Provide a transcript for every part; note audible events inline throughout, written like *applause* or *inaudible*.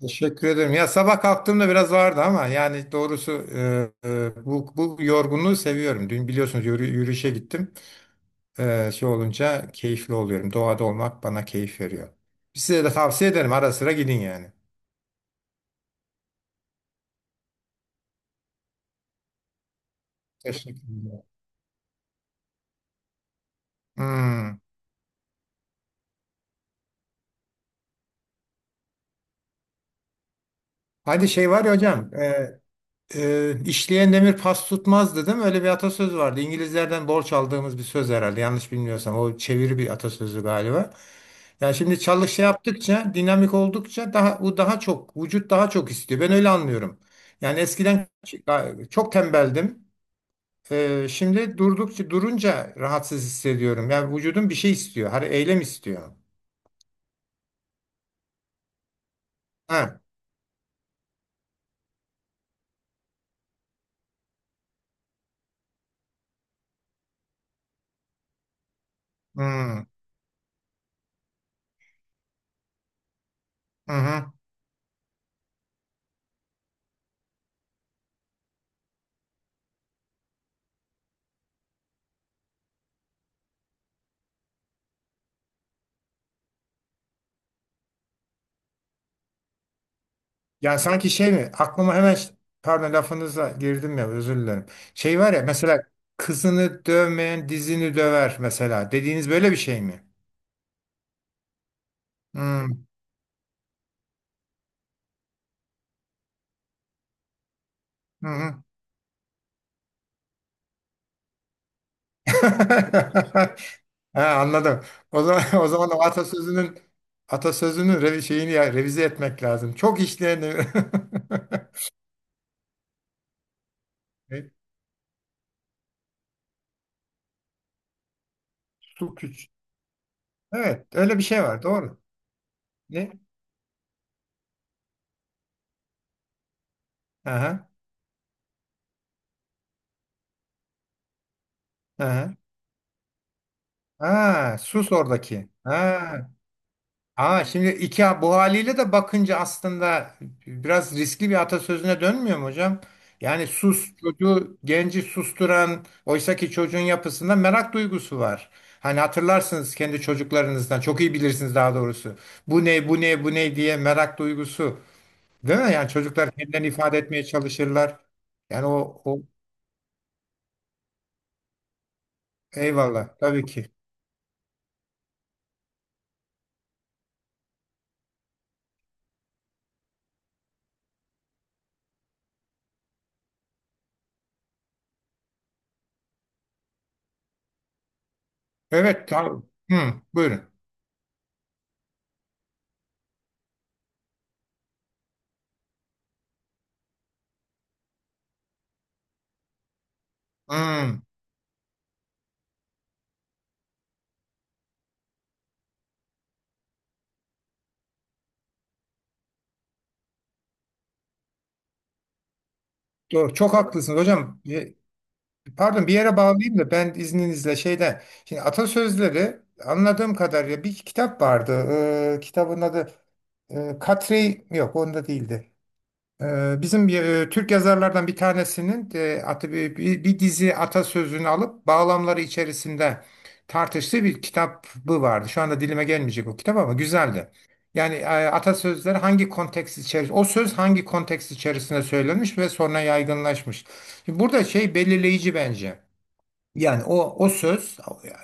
Teşekkür ederim. Ya sabah kalktığımda biraz vardı ama yani doğrusu bu yorgunluğu seviyorum. Dün biliyorsunuz yürüyüşe gittim. Şey olunca keyifli oluyorum. Doğada olmak bana keyif veriyor. Size de tavsiye ederim. Ara sıra gidin yani. Teşekkür ederim. Hmm. Hadi şey var ya hocam. E, işleyen demir pas tutmaz değil. Öyle bir atasöz vardı. İngilizlerden borç aldığımız bir söz herhalde. Yanlış bilmiyorsam. O çeviri bir atasözü galiba. Yani şimdi şey yaptıkça, dinamik oldukça daha bu daha çok vücut daha çok istiyor. Ben öyle anlıyorum. Yani eskiden çok tembeldim. Şimdi durdukça durunca rahatsız hissediyorum. Yani vücudum bir şey istiyor. Hani eylem istiyor. Ha. Hmm. Hı hı. Ya sanki şey mi? Aklıma hemen pardon, lafınıza girdim ya, özür dilerim. Şey var ya mesela kızını dövmeyen dizini döver mesela. Dediğiniz böyle bir şey mi? Hmm. Hı hı. *laughs* Ha, anladım. O zaman *laughs* o zaman o atasözünün revize etmek lazım. Çok işleyen *laughs* E, su küç. Evet, öyle bir şey var. Doğru. Ne? Aha, aha. Ha, sus oradaki. Ha. Aa, şimdi iki bu haliyle de bakınca aslında biraz riskli bir atasözüne dönmüyor mu hocam? Yani sus çocuğu genci susturan oysaki çocuğun yapısında merak duygusu var. Hani hatırlarsınız kendi çocuklarınızdan çok iyi bilirsiniz daha doğrusu. Bu ne bu ne bu ne diye merak duygusu, değil mi? Yani çocuklar kendilerini ifade etmeye çalışırlar. Yani o eyvallah, tabii ki. Evet, tamam. Hı, buyurun. Hı, doğru, çok haklısınız hocam. Pardon, bir yere bağlayayım da ben izninizle şeyden. Şimdi atasözleri anladığım kadarıyla bir kitap vardı. Kitabın adı Katri yok, onda değildi. Bizim Türk yazarlardan bir tanesinin bir dizi atasözünü alıp bağlamları içerisinde tartıştığı bir kitabı vardı. Şu anda dilime gelmeyecek o kitap ama güzeldi. Yani atasözleri hangi konteks içerisinde, o söz hangi konteks içerisinde söylenmiş ve sonra yaygınlaşmış. Şimdi burada şey belirleyici bence. Yani o söz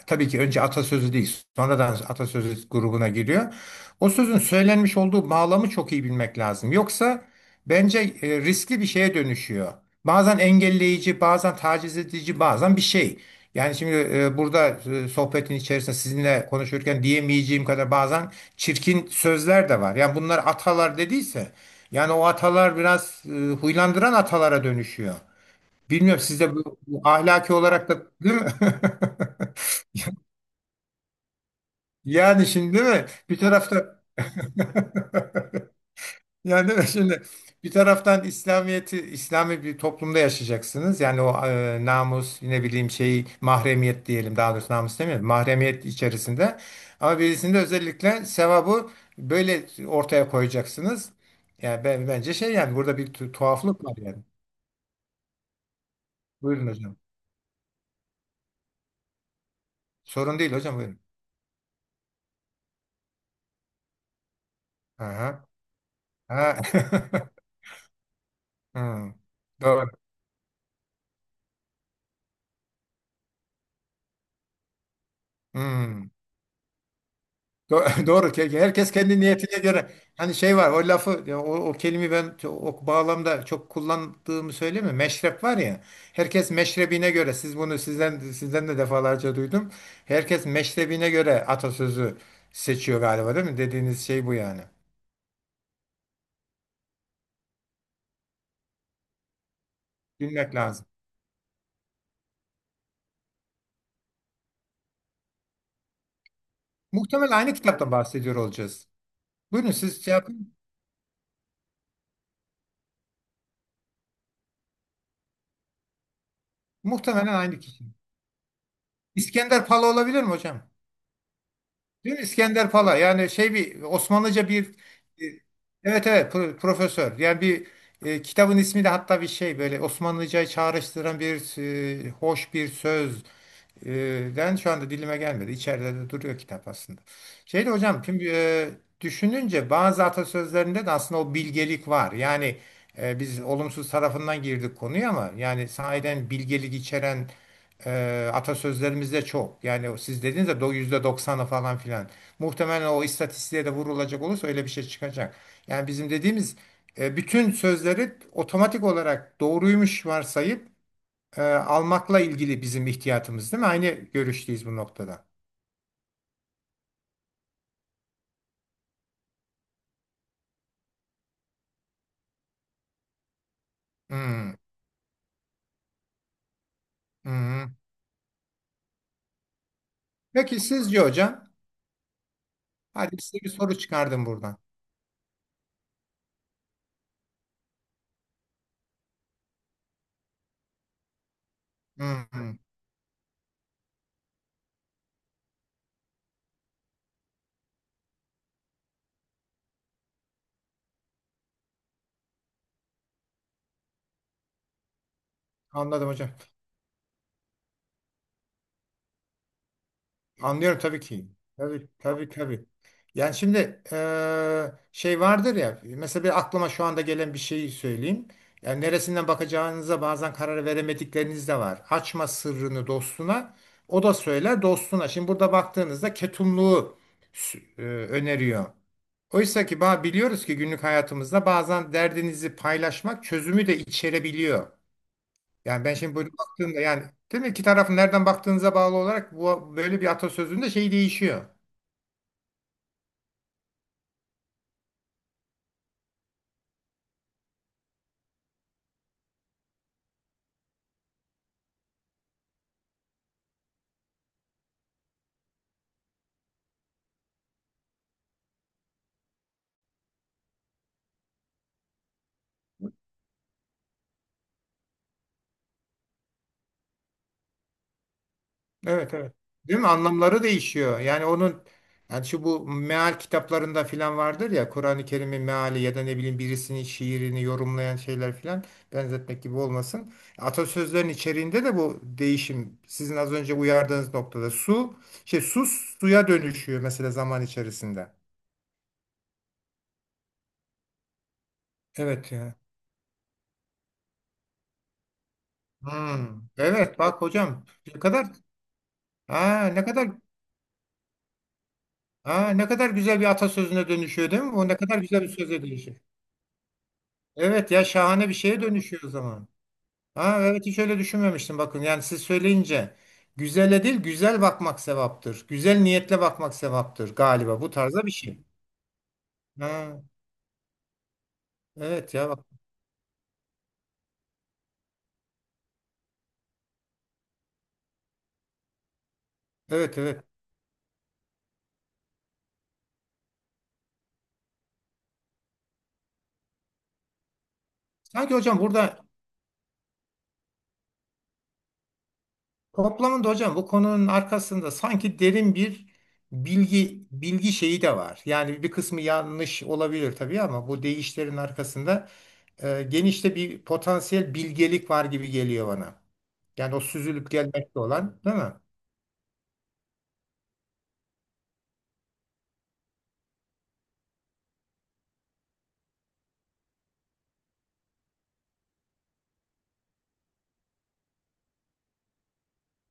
tabii ki önce atasözü değil, sonradan atasözü grubuna giriyor. O sözün söylenmiş olduğu bağlamı çok iyi bilmek lazım. Yoksa bence riskli bir şeye dönüşüyor. Bazen engelleyici, bazen taciz edici, bazen bir şey. Yani şimdi burada sohbetin içerisinde sizinle konuşurken diyemeyeceğim kadar bazen çirkin sözler de var. Yani bunlar atalar dediyse, yani o atalar biraz huylandıran atalara dönüşüyor. Bilmiyorum sizde bu ahlaki olarak da değil mi? *laughs* Yani şimdi değil mi? Bir tarafta *laughs* yani değil mi? Şimdi bir taraftan İslamiyeti İslami bir toplumda yaşayacaksınız. Yani o namus ne bileyim şey mahremiyet diyelim daha doğrusu namus demiyorum. Mahremiyet içerisinde. Ama birisinde özellikle sevabı böyle ortaya koyacaksınız. Yani bence şey yani burada bir tuhaflık var yani. Buyurun hocam. Sorun değil hocam, buyurun. Aha. Ha. *laughs* Hı, doğru. Hmm. *laughs* Doğru. Herkes kendi niyetine göre. Hani şey var o lafı ya o kelimeyi ben o bağlamda çok kullandığımı söyleyeyim mi? Meşrep var ya. Herkes meşrebine göre. Siz bunu sizden de defalarca duydum. Herkes meşrebine göre atasözü seçiyor galiba, değil mi? Dediğiniz şey bu yani. Bilmek lazım. Muhtemelen aynı kitaptan bahsediyor olacağız. Buyurun siz şey yapın. Muhtemelen aynı kişi. İskender Pala olabilir mi hocam? Değil mi? İskender Pala yani şey bir Osmanlıca bir e, evet evet profesör yani bir kitabın ismi de hatta bir şey böyle Osmanlıcayı çağrıştıran bir hoş bir söz ben şu anda dilime gelmedi. İçeride de duruyor kitap aslında. Şeyde hocam şimdi düşününce bazı atasözlerinde de aslında o bilgelik var. Yani biz olumsuz tarafından girdik konuya ama yani sahiden bilgelik içeren atasözlerimiz de çok. Yani o siz dediğiniz de %90'ı falan filan. Muhtemelen o istatistiğe de vurulacak olursa öyle bir şey çıkacak. Yani bizim dediğimiz bütün sözleri otomatik olarak doğruymuş varsayıp almakla ilgili bizim ihtiyatımız, değil mi? Aynı görüşteyiz bu noktada. Hmm, hmm. Peki sizce hocam? Hadi size bir soru çıkardım buradan. Hmm, hmm. Anladım hocam. Anlıyorum tabii ki. Tabii tabii tabii. Yani şimdi şey vardır ya mesela bir aklıma şu anda gelen bir şeyi söyleyeyim. Yani neresinden bakacağınıza bazen karar veremedikleriniz de var. Açma sırrını dostuna, o da söyler dostuna. Şimdi burada baktığınızda ketumluğu öneriyor. Oysa ki biliyoruz ki günlük hayatımızda bazen derdinizi paylaşmak çözümü de içerebiliyor. Yani ben şimdi böyle baktığımda yani, değil mi? İki tarafın nereden baktığınıza bağlı olarak bu böyle bir atasözünde şey değişiyor. Evet evet. Değil mi? Anlamları değişiyor. Yani onun yani şu bu meal kitaplarında filan vardır ya Kur'an-ı Kerim'in meali ya da ne bileyim birisinin şiirini yorumlayan şeyler filan, benzetmek gibi olmasın. Atasözlerin içeriğinde de bu değişim sizin az önce uyardığınız noktada su şey su suya dönüşüyor mesela zaman içerisinde. Evet ya. Hmm, evet bak hocam ne kadar. Aa, ne kadar, aa, ne kadar güzel bir atasözüne dönüşüyor, değil mi? O ne kadar güzel bir söze dönüşüyor. Evet ya, şahane bir şeye dönüşüyor o zaman. Aa, evet hiç öyle düşünmemiştim bakın. Yani siz söyleyince güzele değil güzel bakmak sevaptır. Güzel niyetle bakmak sevaptır galiba, bu tarzda bir şey. Ha, evet ya, bak. Evet evet. Sanki hocam burada. Toplamında hocam bu konunun arkasında sanki derin bir bilgi şeyi de var. Yani bir kısmı yanlış olabilir tabii ama bu deyişlerin arkasında genişte bir potansiyel bilgelik var gibi geliyor bana. Yani o süzülüp gelmekte olan, değil mi?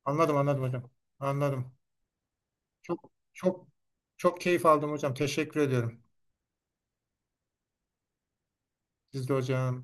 Anladım anladım hocam. Anladım. Çok çok çok keyif aldım hocam. Teşekkür ediyorum. Siz de hocam.